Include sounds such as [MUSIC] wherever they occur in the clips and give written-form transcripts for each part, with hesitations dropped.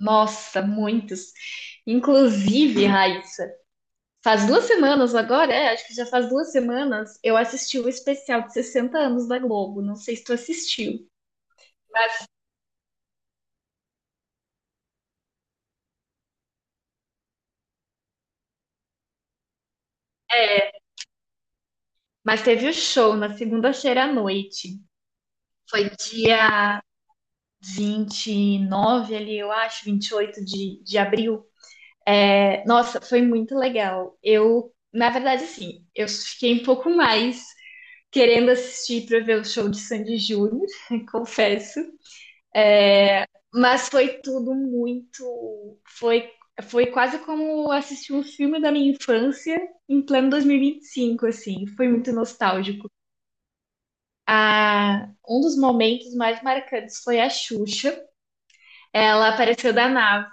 Nossa, muitos. Inclusive, Raiz, faz duas semanas agora, é, acho que já faz duas semanas, eu assisti o especial de 60 anos da Globo. Não sei se tu assistiu, mas teve o show na segunda-feira à noite. Foi dia 29, ali, eu acho, 28 de abril. É, nossa, foi muito legal. Eu, na verdade, assim, eu fiquei um pouco mais querendo assistir para ver o show de Sandy Júnior, [LAUGHS] confesso. Mas foi tudo muito. Foi, foi quase como assistir um filme da minha infância em pleno 2025, assim. Foi muito nostálgico. Ah, um dos momentos mais marcantes foi a Xuxa. Ela apareceu da nave,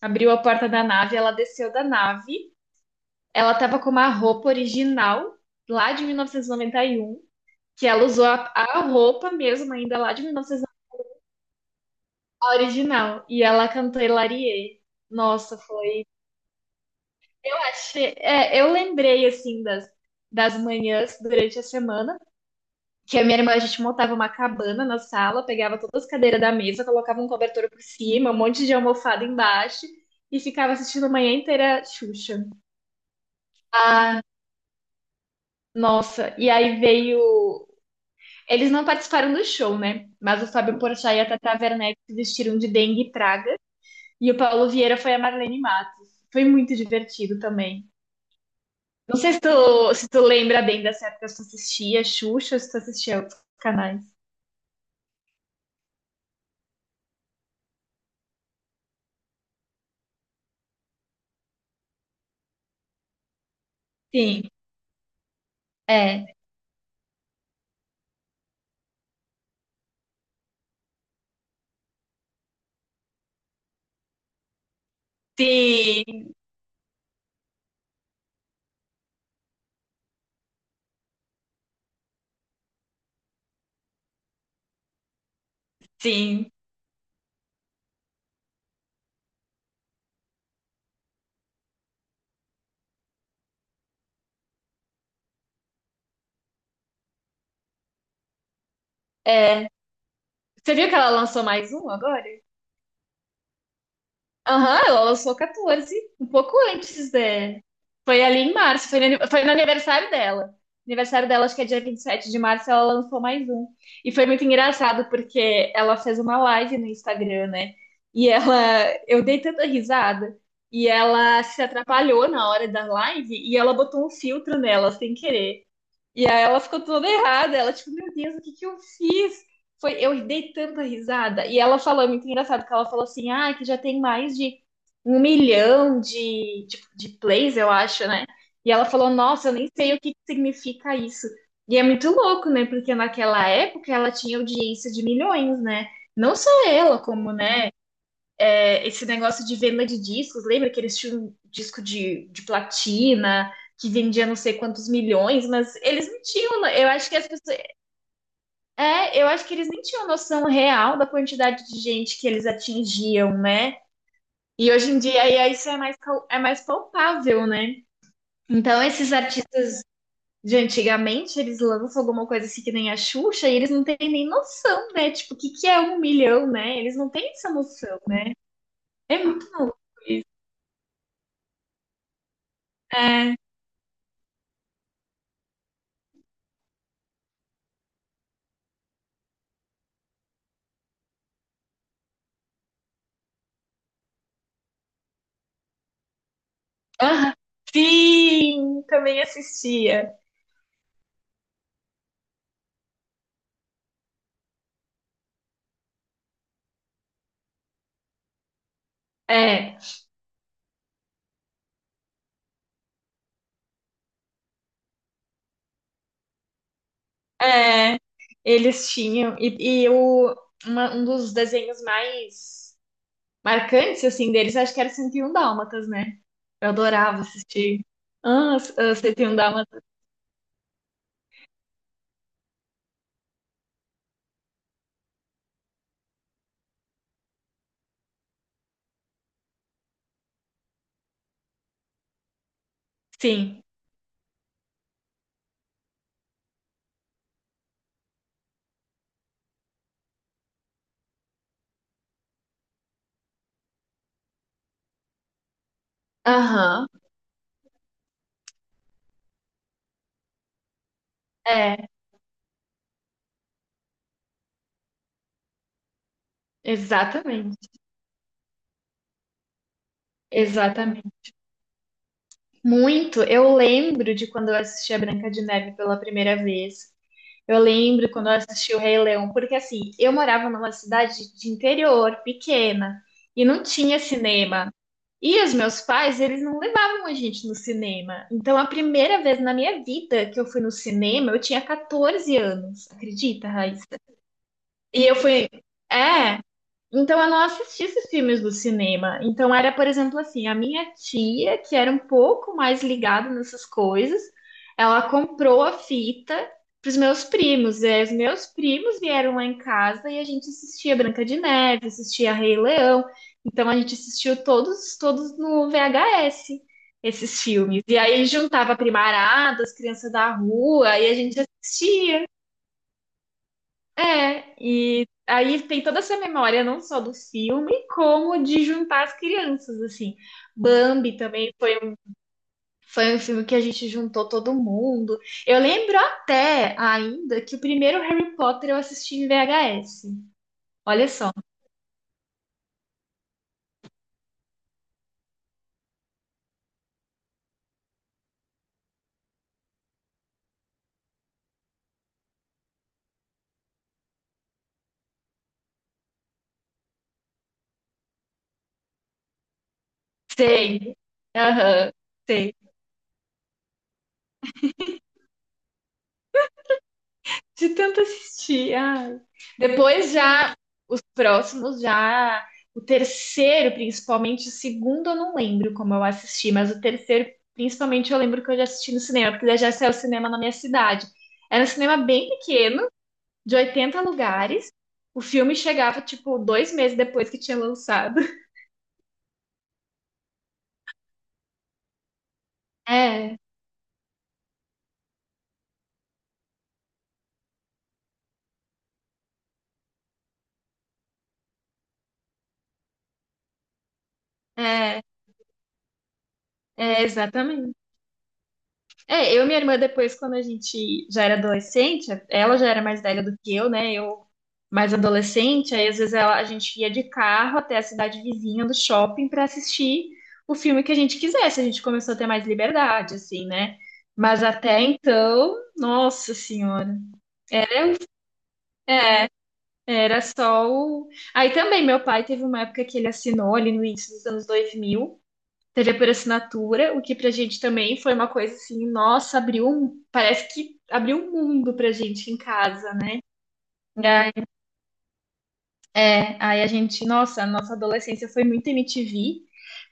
abriu a porta da nave, ela desceu da nave. Ela tava com uma roupa original, lá de 1991, que ela usou a roupa mesmo, ainda lá de 1991, a original. E ela cantou Hilarie. Nossa, É, eu lembrei, assim, das manhãs durante a semana, que a minha irmã, a gente montava uma cabana na sala, pegava todas as cadeiras da mesa, colocava um cobertor por cima, um monte de almofada embaixo, e ficava assistindo a manhã inteira Xuxa. Ah, nossa, e aí veio... Eles não participaram do show, né? Mas o Fábio Porchat e a Tata Werneck se vestiram de dengue e praga, e o Paulo Vieira foi a Marlene Matos. Foi muito divertido também. Não sei se tu lembra bem dessa época, se tu assistia Xuxa, se tu assistia outros canais. Sim, é. Sim, sim. É. Você viu que ela lançou mais um agora? Aham, ela lançou 14, um pouco antes de. Foi ali em março, foi no aniversário dela. Aniversário dela, acho que é dia 27 de março, ela lançou mais um. E foi muito engraçado, porque ela fez uma live no Instagram, né? E ela. Eu dei tanta risada. E ela se atrapalhou na hora da live e ela botou um filtro nela, sem querer. E aí ela ficou toda errada. Ela, tipo, meu Deus, o que que eu fiz? Foi, eu dei tanta risada. E ela falou, é muito engraçado, que ela falou assim, ah, que já tem mais de um milhão de plays, eu acho, né? E ela falou, nossa, eu nem sei o que que significa isso. E é muito louco, né? Porque naquela época ela tinha audiência de milhões, né? Não só ela, como, né? É, esse negócio de venda de discos, lembra que eles tinham um disco de platina que vendia não sei quantos milhões, mas eles não tinham, eu acho que as pessoas, é, eu acho que eles nem tinham noção real da quantidade de gente que eles atingiam, né? E hoje em dia aí, isso é mais palpável, né? Então esses artistas de antigamente, eles lançam alguma coisa assim que nem a Xuxa e eles não têm nem noção, né? Tipo, o que, que é um milhão, né? Eles não têm essa noção. É muito novo. É, aham. Sim, também assistia. É, é, eles tinham. E o, um dos desenhos mais marcantes, assim, deles, acho que era 101 Dálmatas, né? Eu adorava assistir. Ah, 101 Dálmatas, sim. Aham, é, exatamente, exatamente. Muito, eu lembro de quando eu assisti a Branca de Neve pela primeira vez. Eu lembro quando eu assisti o Rei Leão, porque assim, eu morava numa cidade de interior, pequena, e não tinha cinema. E os meus pais, eles não levavam a gente no cinema. Então, a primeira vez na minha vida que eu fui no cinema, eu tinha 14 anos, acredita, Raíssa? E eu fui. É, então, eu não assisti esses filmes do cinema. Então, era, por exemplo, assim, a minha tia, que era um pouco mais ligada nessas coisas, ela comprou a fita para os meus primos. E aí, os meus primos vieram lá em casa e a gente assistia Branca de Neve, assistia Rei Leão. Então, a gente assistiu todos no VHS, esses filmes. E aí, juntava a primarada, as crianças da rua, e a gente assistia. É, e aí tem toda essa memória, não só do filme, como de juntar as crianças, assim. Bambi também foi um filme que a gente juntou todo mundo. Eu lembro até ainda que o primeiro Harry Potter eu assisti em VHS. Olha só. Sei. Aham, sei. De tanto assistir. Ai. Depois já, os próximos já. O terceiro, principalmente, o segundo eu não lembro como eu assisti, mas o terceiro, principalmente, eu lembro que eu já assisti no cinema, porque já saiu cinema na minha cidade. Era um cinema bem pequeno, de 80 lugares. O filme chegava, tipo, 2 meses depois que tinha lançado. É, é, é, exatamente. É, eu e minha irmã, depois, quando a gente já era adolescente, ela já era mais velha do que eu, né? Eu mais adolescente, aí às vezes a gente ia de carro até a cidade vizinha do shopping pra assistir o filme que a gente quisesse. A gente começou a ter mais liberdade, assim, né? Mas até então, nossa senhora, era só o. Aí também, meu pai teve uma época que ele assinou ali no início dos anos 2000. TV por assinatura, o que pra gente também foi uma coisa assim, nossa, abriu um, parece que abriu um mundo pra gente em casa, né? Ai, é, aí a gente, nossa, a nossa adolescência foi muito MTV,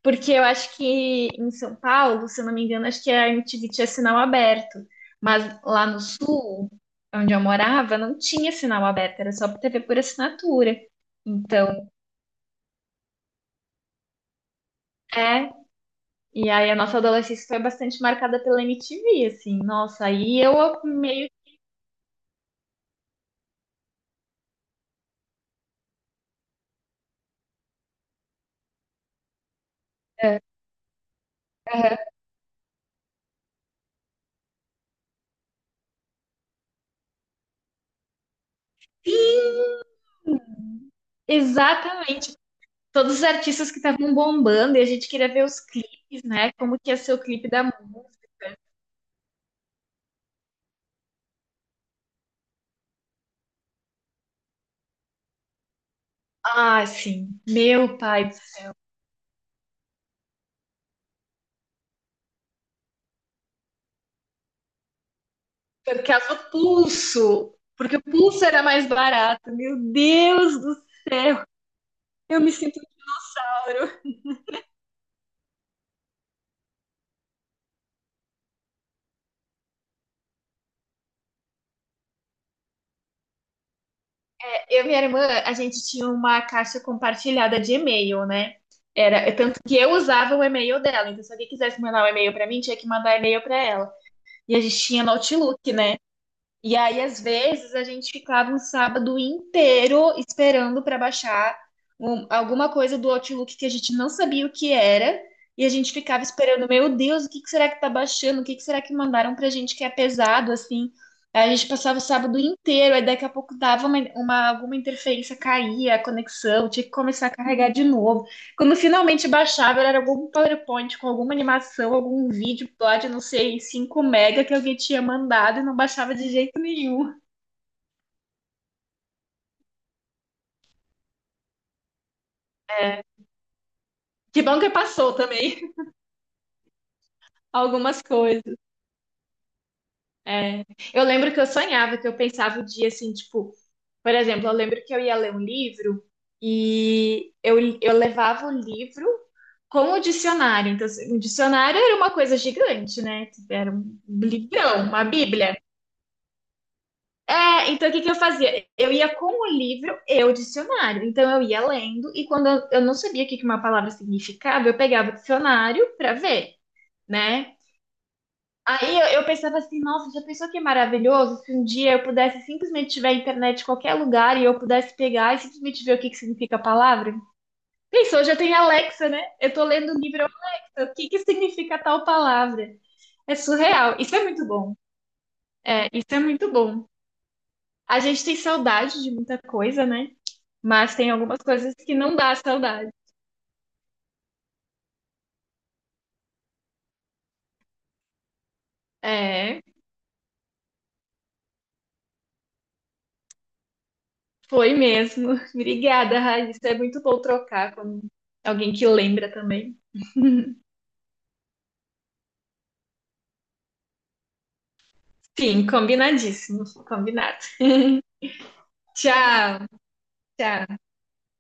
porque eu acho que em São Paulo, se eu não me engano, acho que a MTV tinha sinal aberto, mas lá no sul, onde eu morava, não tinha sinal aberto, era só TV por assinatura. Então, é, e aí a nossa adolescência foi bastante marcada pela MTV, assim, nossa, aí eu meio exatamente. Todos os artistas que estavam bombando e a gente queria ver os clipes, né? Como que ia ser o clipe da música. Ah, sim. Meu pai do céu. Por causa do pulso. Porque o pulso era mais barato. Meu Deus do céu. Eu me sinto mal. Eu e minha irmã, a gente tinha uma caixa compartilhada de e-mail, né? Era, tanto que eu usava o e-mail dela. Então, se alguém quisesse mandar um e-mail pra mim, tinha que mandar e-mail pra ela. E a gente tinha Outlook, né? E aí, às vezes, a gente ficava um sábado inteiro esperando para baixar alguma coisa do Outlook que a gente não sabia o que era. E a gente ficava esperando, meu Deus, o que que será que tá baixando? O que que será que mandaram pra gente que é pesado, assim? Aí a gente passava o sábado inteiro, aí daqui a pouco dava uma, alguma interferência, caía a conexão, tinha que começar a carregar de novo. Quando finalmente baixava, era algum PowerPoint com alguma animação, algum vídeo lá de, não sei, 5 mega que alguém tinha mandado e não baixava de jeito nenhum. Que bom que passou também [LAUGHS] algumas coisas. É. Eu lembro que eu sonhava, que eu pensava o dia assim, tipo, por exemplo, eu lembro que eu ia ler um livro e eu levava o livro com o dicionário. Então, assim, o dicionário era uma coisa gigante, né? Era um livrão, uma bíblia. É, então o que que eu fazia? Eu ia com o livro e o dicionário. Então eu ia lendo e quando eu não sabia o que que uma palavra significava, eu pegava o dicionário pra ver, né? Aí eu pensava assim, nossa, já pensou que é maravilhoso se um dia eu pudesse simplesmente tiver internet em qualquer lugar e eu pudesse pegar e simplesmente ver o que que significa a palavra? Pensou, já tem Alexa, né? Eu tô lendo o livro Alexa, o que que significa tal palavra? É surreal. Isso é muito bom. É, isso é muito bom. A gente tem saudade de muita coisa, né? Mas tem algumas coisas que não dá saudade. É, foi mesmo. [LAUGHS] Obrigada, Raíssa. É muito bom trocar com alguém que lembra também. Sim, combinadíssimo. Combinado. Tchau, tchau.